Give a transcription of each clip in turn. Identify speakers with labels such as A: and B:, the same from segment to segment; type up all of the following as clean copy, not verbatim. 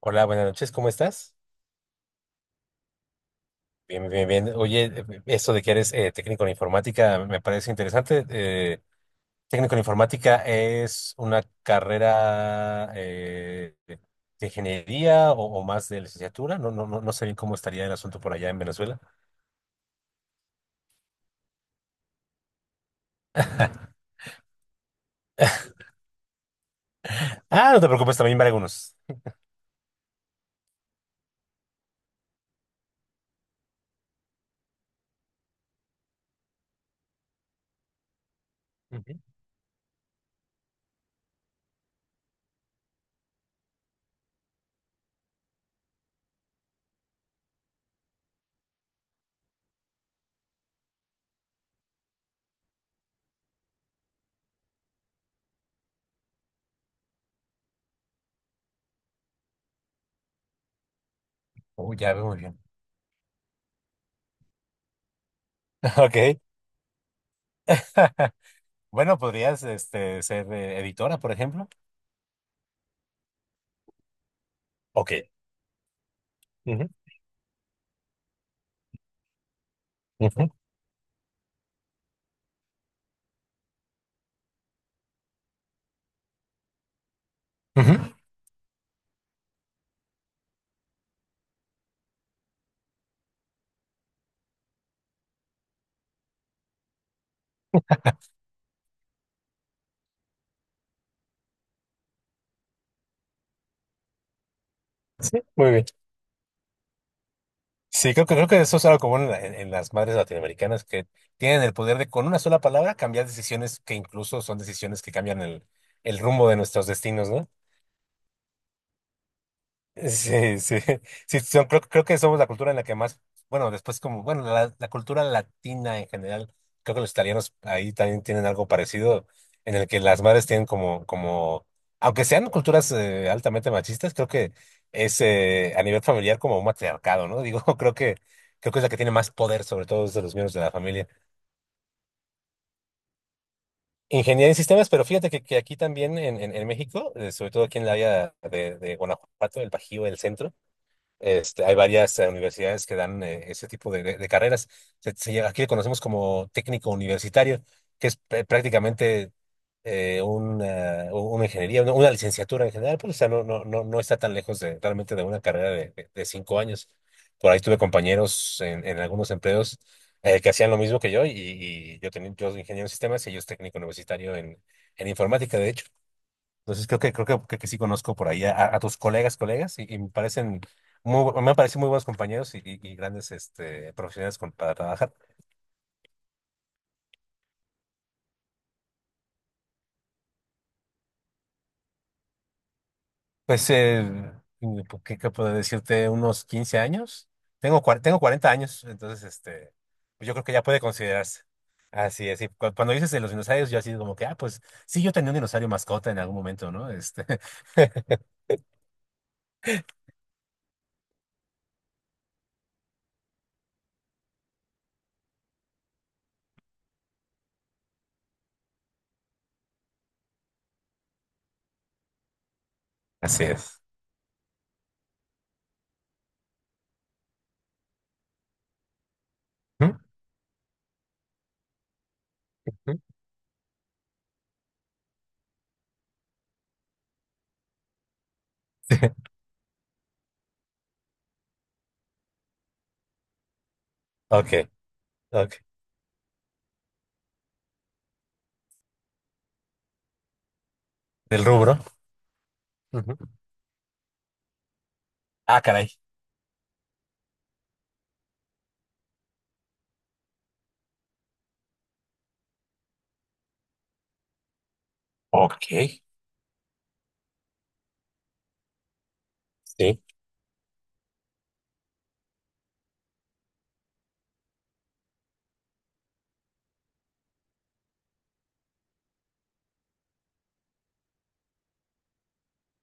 A: Hola, buenas noches, ¿cómo estás? Bien, bien, bien. Oye, esto de que eres técnico en informática me parece interesante. Técnico en informática es una carrera de ingeniería o más de licenciatura. No, no, no, no sé bien cómo estaría el asunto por allá en Venezuela. Ah, no te preocupes, también para algunos. Ujú. Oh, ya veo muy bien. Ok. Bueno, podrías ser editora, por ejemplo. Ok. Ujú, ujú, ujú. Sí, muy bien. Sí, creo que eso es algo común en las madres latinoamericanas que tienen el poder de con una sola palabra cambiar decisiones que incluso son decisiones que cambian el rumbo de nuestros destinos, ¿no? Sí, sí, sí, creo que somos la cultura en la que más, bueno, después como, bueno, la cultura latina en general, creo que los italianos ahí también tienen algo parecido, en el que las madres tienen aunque sean culturas altamente machistas, creo que es a nivel familiar como un matriarcado, ¿no? Digo, creo que es la que tiene más poder, sobre todo de los miembros de la familia. Ingeniería en sistemas, pero fíjate que aquí también en México, sobre todo aquí en el área de Guanajuato, el Bajío, el centro. Hay varias universidades que dan ese tipo de carreras. Se- se aquí lo conocemos como técnico universitario, que es prácticamente una ingeniería, una licenciatura en general, pero o sea, no, no, no, no está tan lejos realmente de una carrera de 5 años. Por ahí tuve compañeros en algunos empleos que hacían lo mismo que yo, y yo soy ingeniero en sistemas y yo es técnico universitario en informática, de hecho. Entonces creo que sí conozco por ahí a tus colegas, colegas, y me parecen muy buenos compañeros y grandes profesionales para trabajar. Pues, ¿qué puedo decirte? Unos 15 años. Tengo 40 años, entonces pues yo creo que ya puede considerarse. Así es, y cuando dices de los dinosaurios, yo así como que, ah, pues sí, yo tenía un dinosaurio mascota en algún momento, ¿no? Así es. ¿Mm? ¿Mm? Ok, ok. Del rubro. Ujú. Ah, caray. Ok. Sí.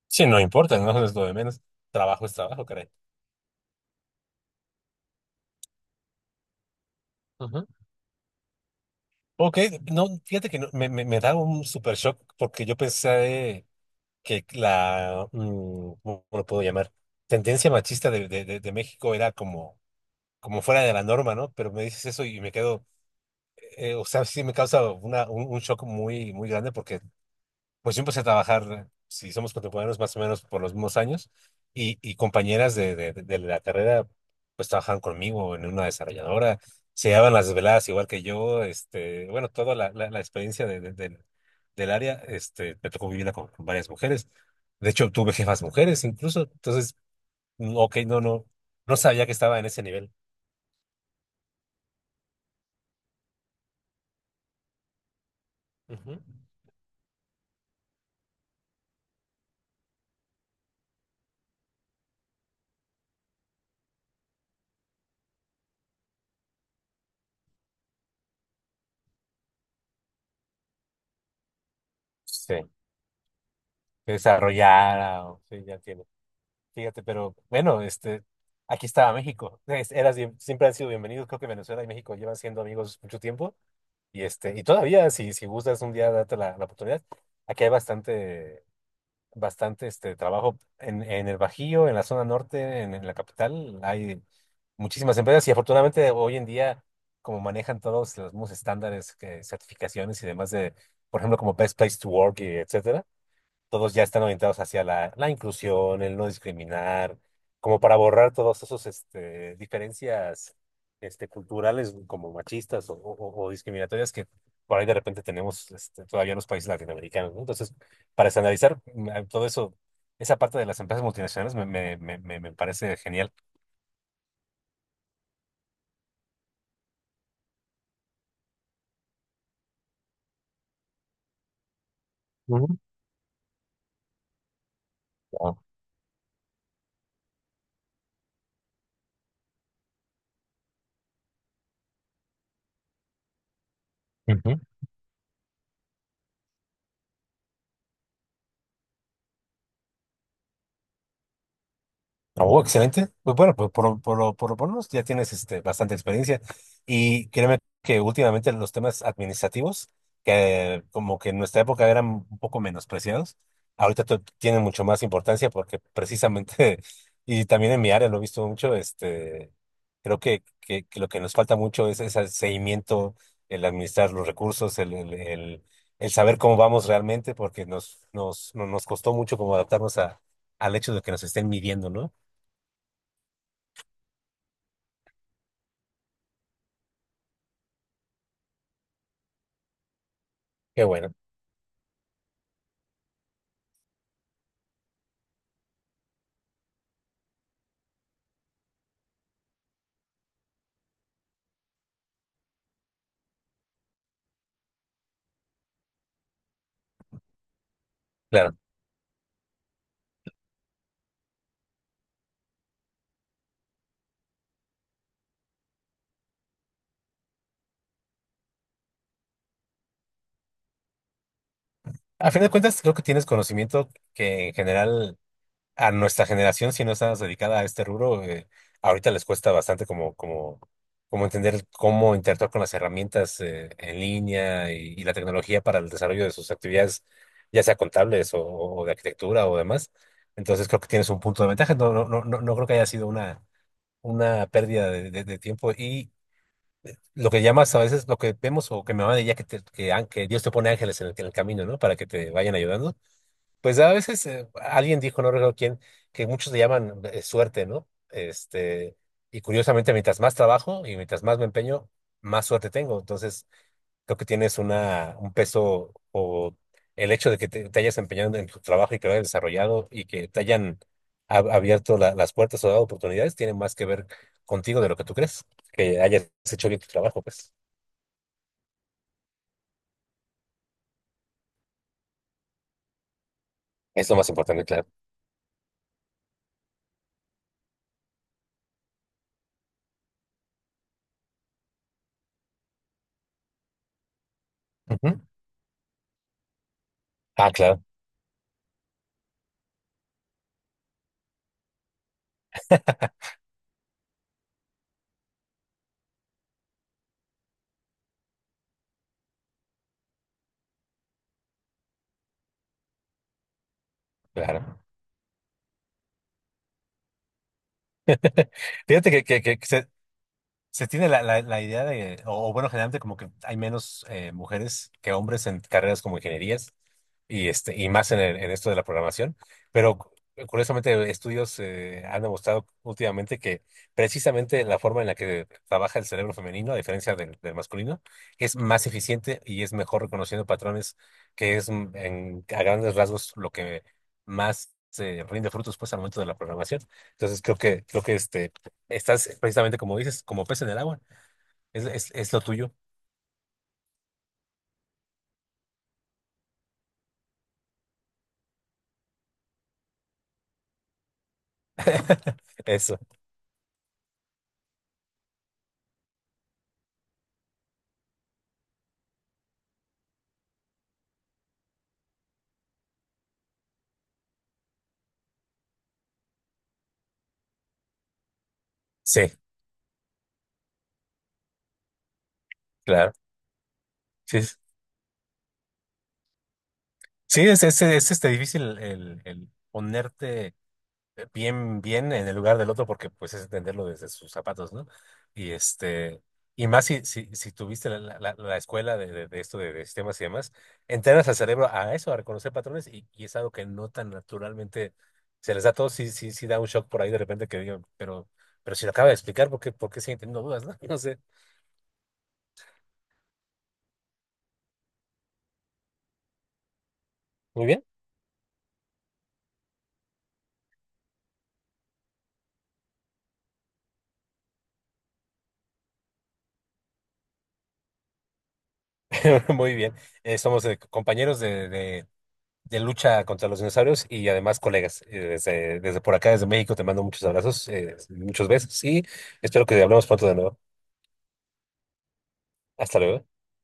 A: Sí, no importa, no es lo de menos. Trabajo es trabajo, caray. Ajá. Ok, no, fíjate que no, me da un super shock porque yo pensé que ¿cómo lo puedo llamar? Tendencia machista de México era como fuera de la norma, ¿no? Pero me dices eso y me quedo, o sea, sí me causa un shock muy, muy grande porque pues yo empecé a trabajar, si somos contemporáneos, más o menos por los mismos años, y compañeras de la carrera, pues trabajaban conmigo en una desarrolladora, se llevaban las desveladas igual que yo, bueno, toda la experiencia del área, me tocó vivirla con varias mujeres. De hecho, tuve jefas mujeres incluso, entonces, ok, no, no, no sabía que estaba en ese nivel. Ujú. Sí, desarrollada, sí, ya. Fíjate, pero bueno, aquí estaba México. Siempre han sido bienvenidos. Creo que Venezuela y México llevan siendo amigos mucho tiempo. Y y todavía, si gustas un día date la oportunidad. Aquí hay bastante trabajo en el Bajío, en la zona norte, en la capital. Hay muchísimas empresas y afortunadamente hoy en día, como manejan todos los mismos estándares, certificaciones y demás de, por ejemplo, como Best Place to Work y etcétera, todos ya están orientados hacia la inclusión, el no discriminar, como para borrar todos esos diferencias culturales como machistas o discriminatorias que por ahí de repente tenemos todavía en los países latinoamericanos, ¿no? Entonces, para estandarizar todo eso, esa parte de las empresas multinacionales me parece genial. Ujú. Wow. Oh, excelente. Pues bueno, pues por lo menos ya tienes bastante experiencia. Y créeme que últimamente los temas administrativos, que como que en nuestra época eran un poco menospreciados, ahorita tienen mucho más importancia porque precisamente, y también en mi área lo he visto mucho, creo que lo que nos falta mucho es ese seguimiento, el administrar los recursos, el saber cómo vamos realmente, porque nos, nos, no- nos costó mucho como adaptarnos a, al hecho de que nos estén midiendo, ¿no? Qué bueno, claro. A fin de cuentas, creo que tienes conocimiento que en general a nuestra generación, si no estás dedicada a este rubro, ahorita les cuesta bastante como entender cómo interactuar con las herramientas en línea y la tecnología para el desarrollo de sus actividades, ya sea contables o de arquitectura o demás. Entonces creo que tienes un punto de ventaja. No, no, no, no creo que haya sido una pérdida de tiempo. Y, lo que llamas a veces, lo que vemos o que mi mamá diría que, te- que, an- que Dios te pone ángeles en el camino, ¿no? Para que te vayan ayudando. Pues a veces alguien dijo, no recuerdo quién, que muchos le llaman suerte, ¿no? Y curiosamente, mientras más trabajo y mientras más me empeño, más suerte tengo. Entonces, creo que tienes un peso o el hecho de que te hayas empeñado en tu trabajo y que lo hayas desarrollado y que te hayan abierto las puertas o dado oportunidades, tiene más que ver contigo de lo que tú crees, que hayas hecho bien tu trabajo, pues. Es lo más importante, claro. Ujú. Ah, claro, claro. Fíjate que se tiene la idea de, o bueno, generalmente como que hay menos mujeres que hombres en carreras como ingenierías y, y más en esto de la programación, pero curiosamente estudios han demostrado últimamente que precisamente la forma en la que trabaja el cerebro femenino, a diferencia del masculino, es más eficiente y es mejor reconociendo patrones, que es a grandes rasgos lo que más... rinde frutos pues al momento de la programación. Entonces creo que. Estás precisamente como dices, como pez en el agua. Es lo tuyo. Eso. Sí, claro. Sí, es, difícil el ponerte bien, bien en el lugar del otro porque pues es entenderlo desde sus zapatos, ¿no? Y y más si tuviste la escuela de esto de sistemas y demás, entrenas al cerebro a eso, a reconocer patrones y es algo que no tan naturalmente se les da a todos. Sí, sí, sí da un shock por ahí de repente que digan, pero si lo acaba de explicar, ¿por qué siguen teniendo dudas, ¿no? No sé. Muy bien, muy bien. Somos compañeros de lucha contra los dinosaurios y además colegas. Desde por acá, desde México, te mando muchos abrazos, muchos besos y espero que hablemos pronto de nuevo. Hasta luego.